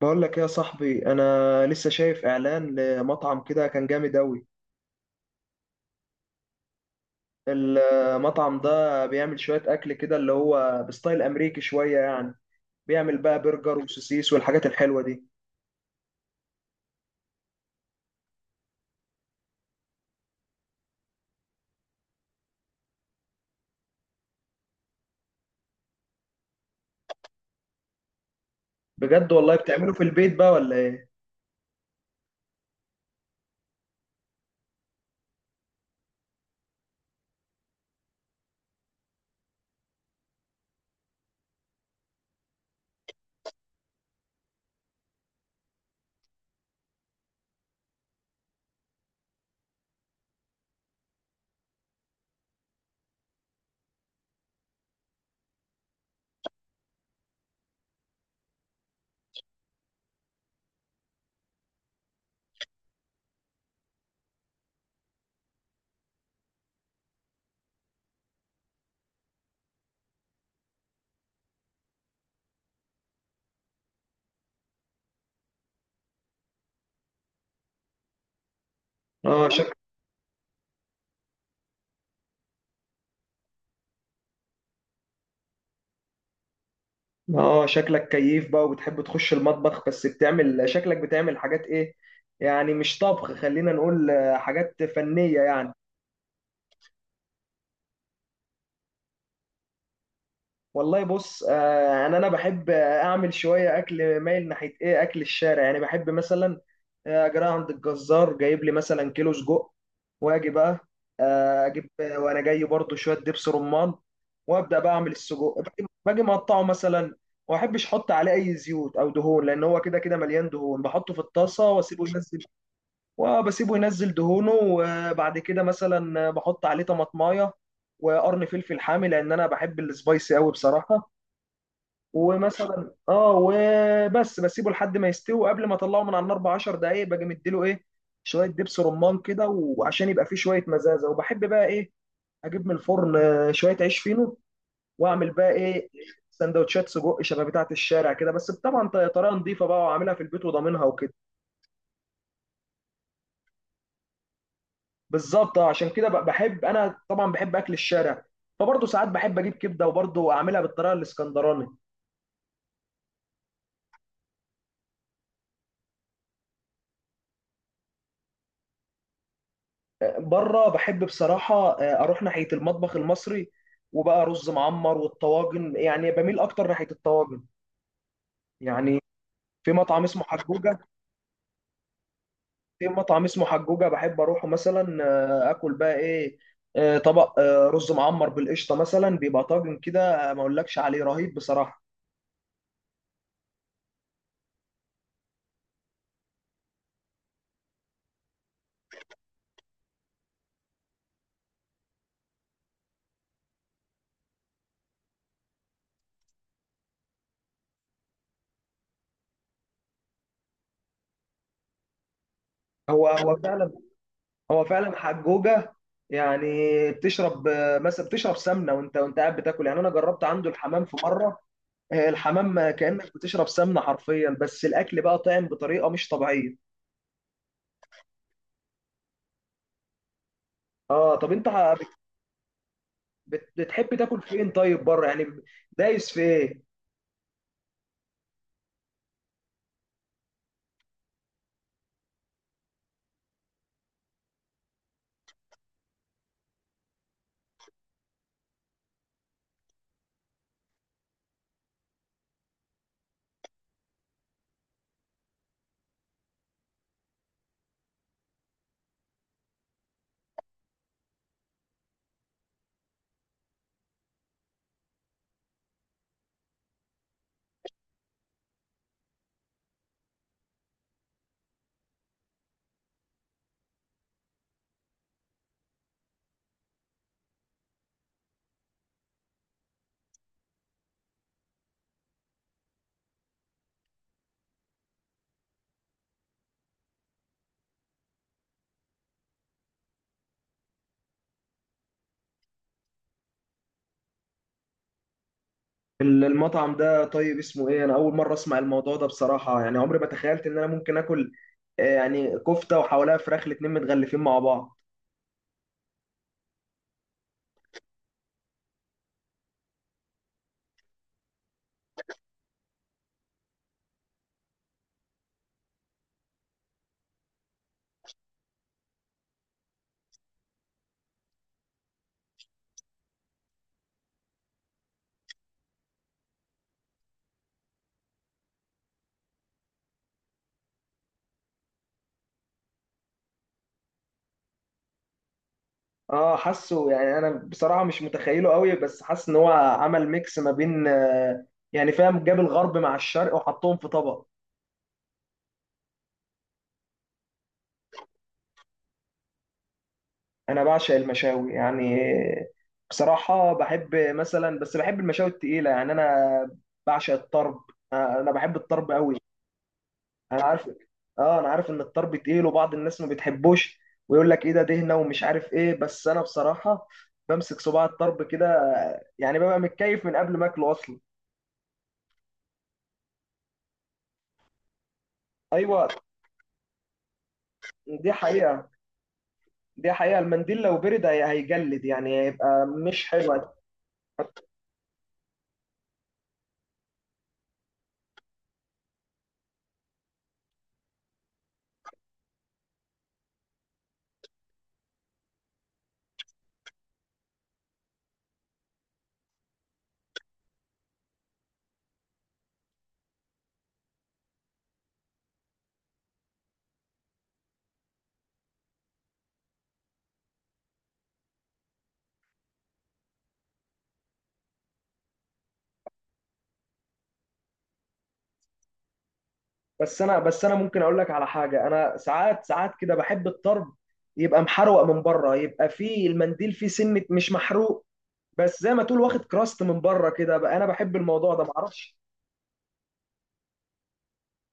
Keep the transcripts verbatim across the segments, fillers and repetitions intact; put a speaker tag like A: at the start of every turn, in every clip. A: بقول لك إيه يا صاحبي، انا لسه شايف اعلان لمطعم كده كان جامد اوي. المطعم ده بيعمل شوية اكل كده اللي هو بستايل امريكي شوية يعني. بيعمل بقى برجر وسوسيس والحاجات الحلوة دي. بجد والله، بتعمله في البيت بقى ولا ايه؟ اه، شك... اه، شكلك كيف بقى وبتحب تخش المطبخ، بس بتعمل شكلك بتعمل حاجات ايه؟ يعني مش طبخ، خلينا نقول آه، حاجات فنية يعني. والله بص، آه، انا انا بحب اعمل شويه اكل مايل ناحيه ايه، اكل الشارع يعني. بحب مثلا آه، اجي رايح عند الجزار جايب لي مثلا كيلو سجق، واجي بقى آه، اجيب آه، وانا جاي برضو شويه دبس رمان. وابدا بقى اعمل السجق، باجي باجي مقطعه مثلا. وما احبش احط عليه اي زيوت او دهون، لان هو كده كده مليان دهون. بحطه في الطاسه واسيبه ينزل، وبسيبه ينزل دهونه. وبعد كده مثلا بحط عليه طماطمايه، وقرن فلفل حامي، لان انا بحب السبايسي قوي بصراحه. ومثلا اه وبس بسيبه لحد ما يستوي، وقبل ما اطلعه من على النار ب عشر دقائق باجي مديله ايه، شويه دبس رمان كده، وعشان يبقى فيه شويه مزازه. وبحب بقى ايه، اجيب من الفرن آه، شويه عيش فينو، واعمل بقى ايه، سندوتشات سجق شبه بتاعه الشارع كده. بس طبعا ط- طريقه نظيفه بقى وعاملها في البيت وضامنها وكده. بالظبط. آه، عشان كده ب- بحب انا، طبعا بحب اكل الشارع. فبرضه ساعات بحب اجيب كبده وبرضه اعملها بالطريقه الاسكندراني. بره بحب بصراحة، آه، أروح ناحية المطبخ المصري. وبقى رز معمر والطواجن. يعني بميل أكتر ناحية الطواجن يعني. في مطعم اسمه حجوجة. في مطعم اسمه حجوجة بحب أروحه مثلا. آه، آكل بقى إيه، آه، طبق آه، رز معمر بالقشطة مثلا، بيبقى طاجن كده آه، ما أقولكش عليه رهيب بصراحة. هو هو فعلا. هو فعلا حجوجة يعني. بتشرب آه، مثلا بتشرب سمنة وأنت وأنت قاعد بتاكل. يعني أنا جربت عنده الحمام في مرة. آه، الحمام كأنك بتشرب سمنة حرفيا، بس الأكل بقى طعم بطريقة مش طبيعية. اه، طب انت ح- بت- بت- بتحب تاكل فين طيب، بره يعني؟ دايس في ايه؟ ال- المطعم ده طيب اسمه ايه؟ انا اول مرة اسمع الموضوع ده بصراحة. يعني عمري ما تخيلت ان انا ممكن اكل آه، يعني كفتة وحواليها فراخ، الاتنين متغلفين مع بعض. اه، حاسه يعني، انا بصراحة مش متخيله قوي، بس حاسس ان هو عمل ميكس ما بين، آه، يعني فاهم، جاب الغرب مع الشرق وحطهم في طبق. انا بعشق المشاوي يعني. بصراحه بحب مثلا، بس بحب المشاوي التقيله يعني. انا بعشق الطرب. انا بحب الطرب قوي. انا عارف. اه، انا عارف ان الطرب تقيل وبعض الناس ما بتحبوش، ويقول لك ايه ده دهنه ومش عارف ايه. بس انا بصراحه بمسك صباع الطرب كده، يعني ببقى متكيف من قبل ما اكله اصلا. ايوه. دي حقيقه. دي حقيقه، المنديل لو برد هي- هيجلد، يعني هيبقى مش حلو. بس انا بس انا ممكن اقول لك على حاجه، انا ساعات ساعات كده بحب الطرب يبقى محروق من بره، يبقى فيه المنديل فيه سنه مش محروق. بس زي ما تقول واخد كراست من بره كده بقى. انا بحب الموضوع ده معرفش.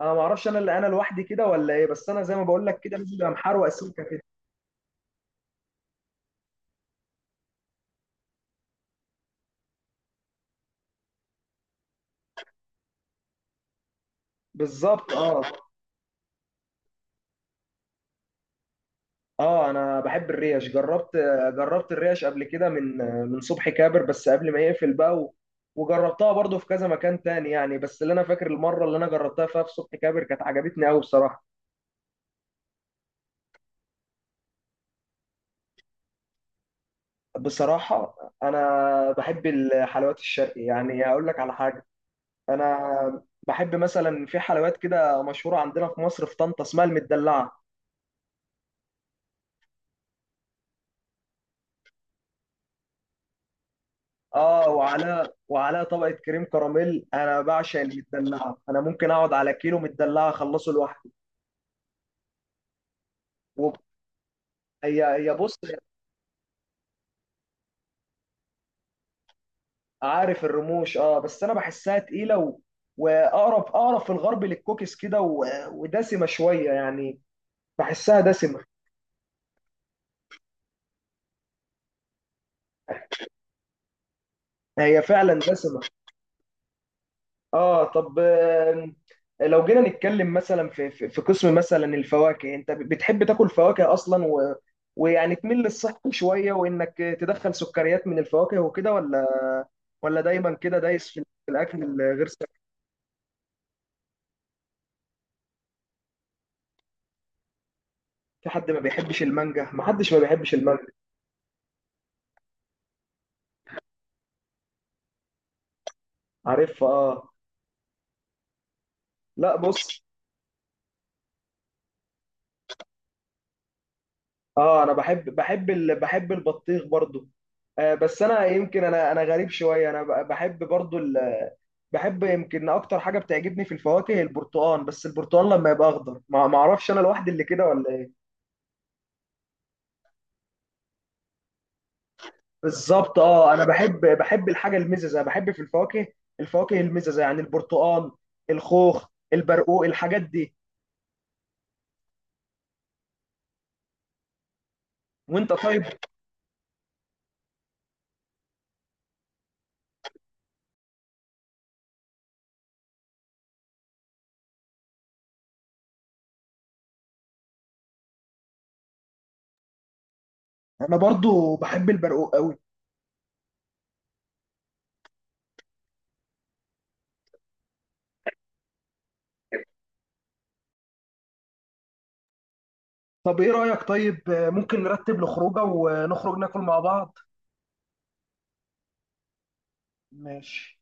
A: انا معرفش، انا اللي انا لوحدي كده ولا ايه؟ بس انا زي ما بقول لك كده، لازم يبقى محروق سمكه كده. بالظبط، اه. اه، انا بحب الريش. جربت جربت الريش قبل كده من من صبحي كابر، بس قبل ما يقفل بقى و... وجربتها برضو في كذا مكان تاني يعني، بس اللي انا فاكر المره اللي انا جربتها فيها في صبحي كابر كانت عجبتني قوي بصراحه. بصراحة، أنا بحب الحلويات الشرقي. يعني أقول لك على حاجة، أنا بحب مثلا، في حلويات كده مشهورة عندنا في مصر، في طنطا، اسمها المدلعة. آه، وعلى وعلى طبقة كريم كراميل. أنا بعشق المدلعة، أنا ممكن أقعد على كيلو مدلعة أخلصه لوحدي. وب- هي هي بص. عارف الرموش آه، بس أنا بحسها تقيلة، و... وأقرب أقرب في الغرب للكوكيز كده، و... ودسمة شوية يعني، بحسها دسمة. هي فعلا دسمة. اه، طب آم، لو جينا نتكلم مثلا في في في قسم مثلا الفواكه، انت بتحب تاكل فواكه اصلا، و... ويعني تميل للصحي شويه وانك تدخل سكريات من الفواكه وكده، ولا ولا دايما كده دايس في الاكل الغير صحي؟ في حد ما بيحبش المانجا؟ ما حدش ما بيحبش المانجا. عارفها اه. لا بص، اه، انا بحب بحب ال... بحب البطيخ برضو. آه بس انا يمكن انا انا غريب شويه، انا بحب برضو، بحب يمكن اكتر حاجه بتعجبني في الفواكه البرتقال. بس البرتقال لما يبقى اخضر، ما ما اعرفش، انا لوحدي اللي كده ولا ايه؟ بالظبط اه، انا بحب بحب الحاجه المززه، بحب في الفواكه، الفواكه المززه يعني، البرتقال، الخوخ، البرقوق، الحاجات دي. وانت طيب؟ انا برضو بحب البرقوق قوي. طب ايه رايك، طيب آه، ممكن نرتب له خروجه ونخرج ناكل مع بعض؟ ماشي.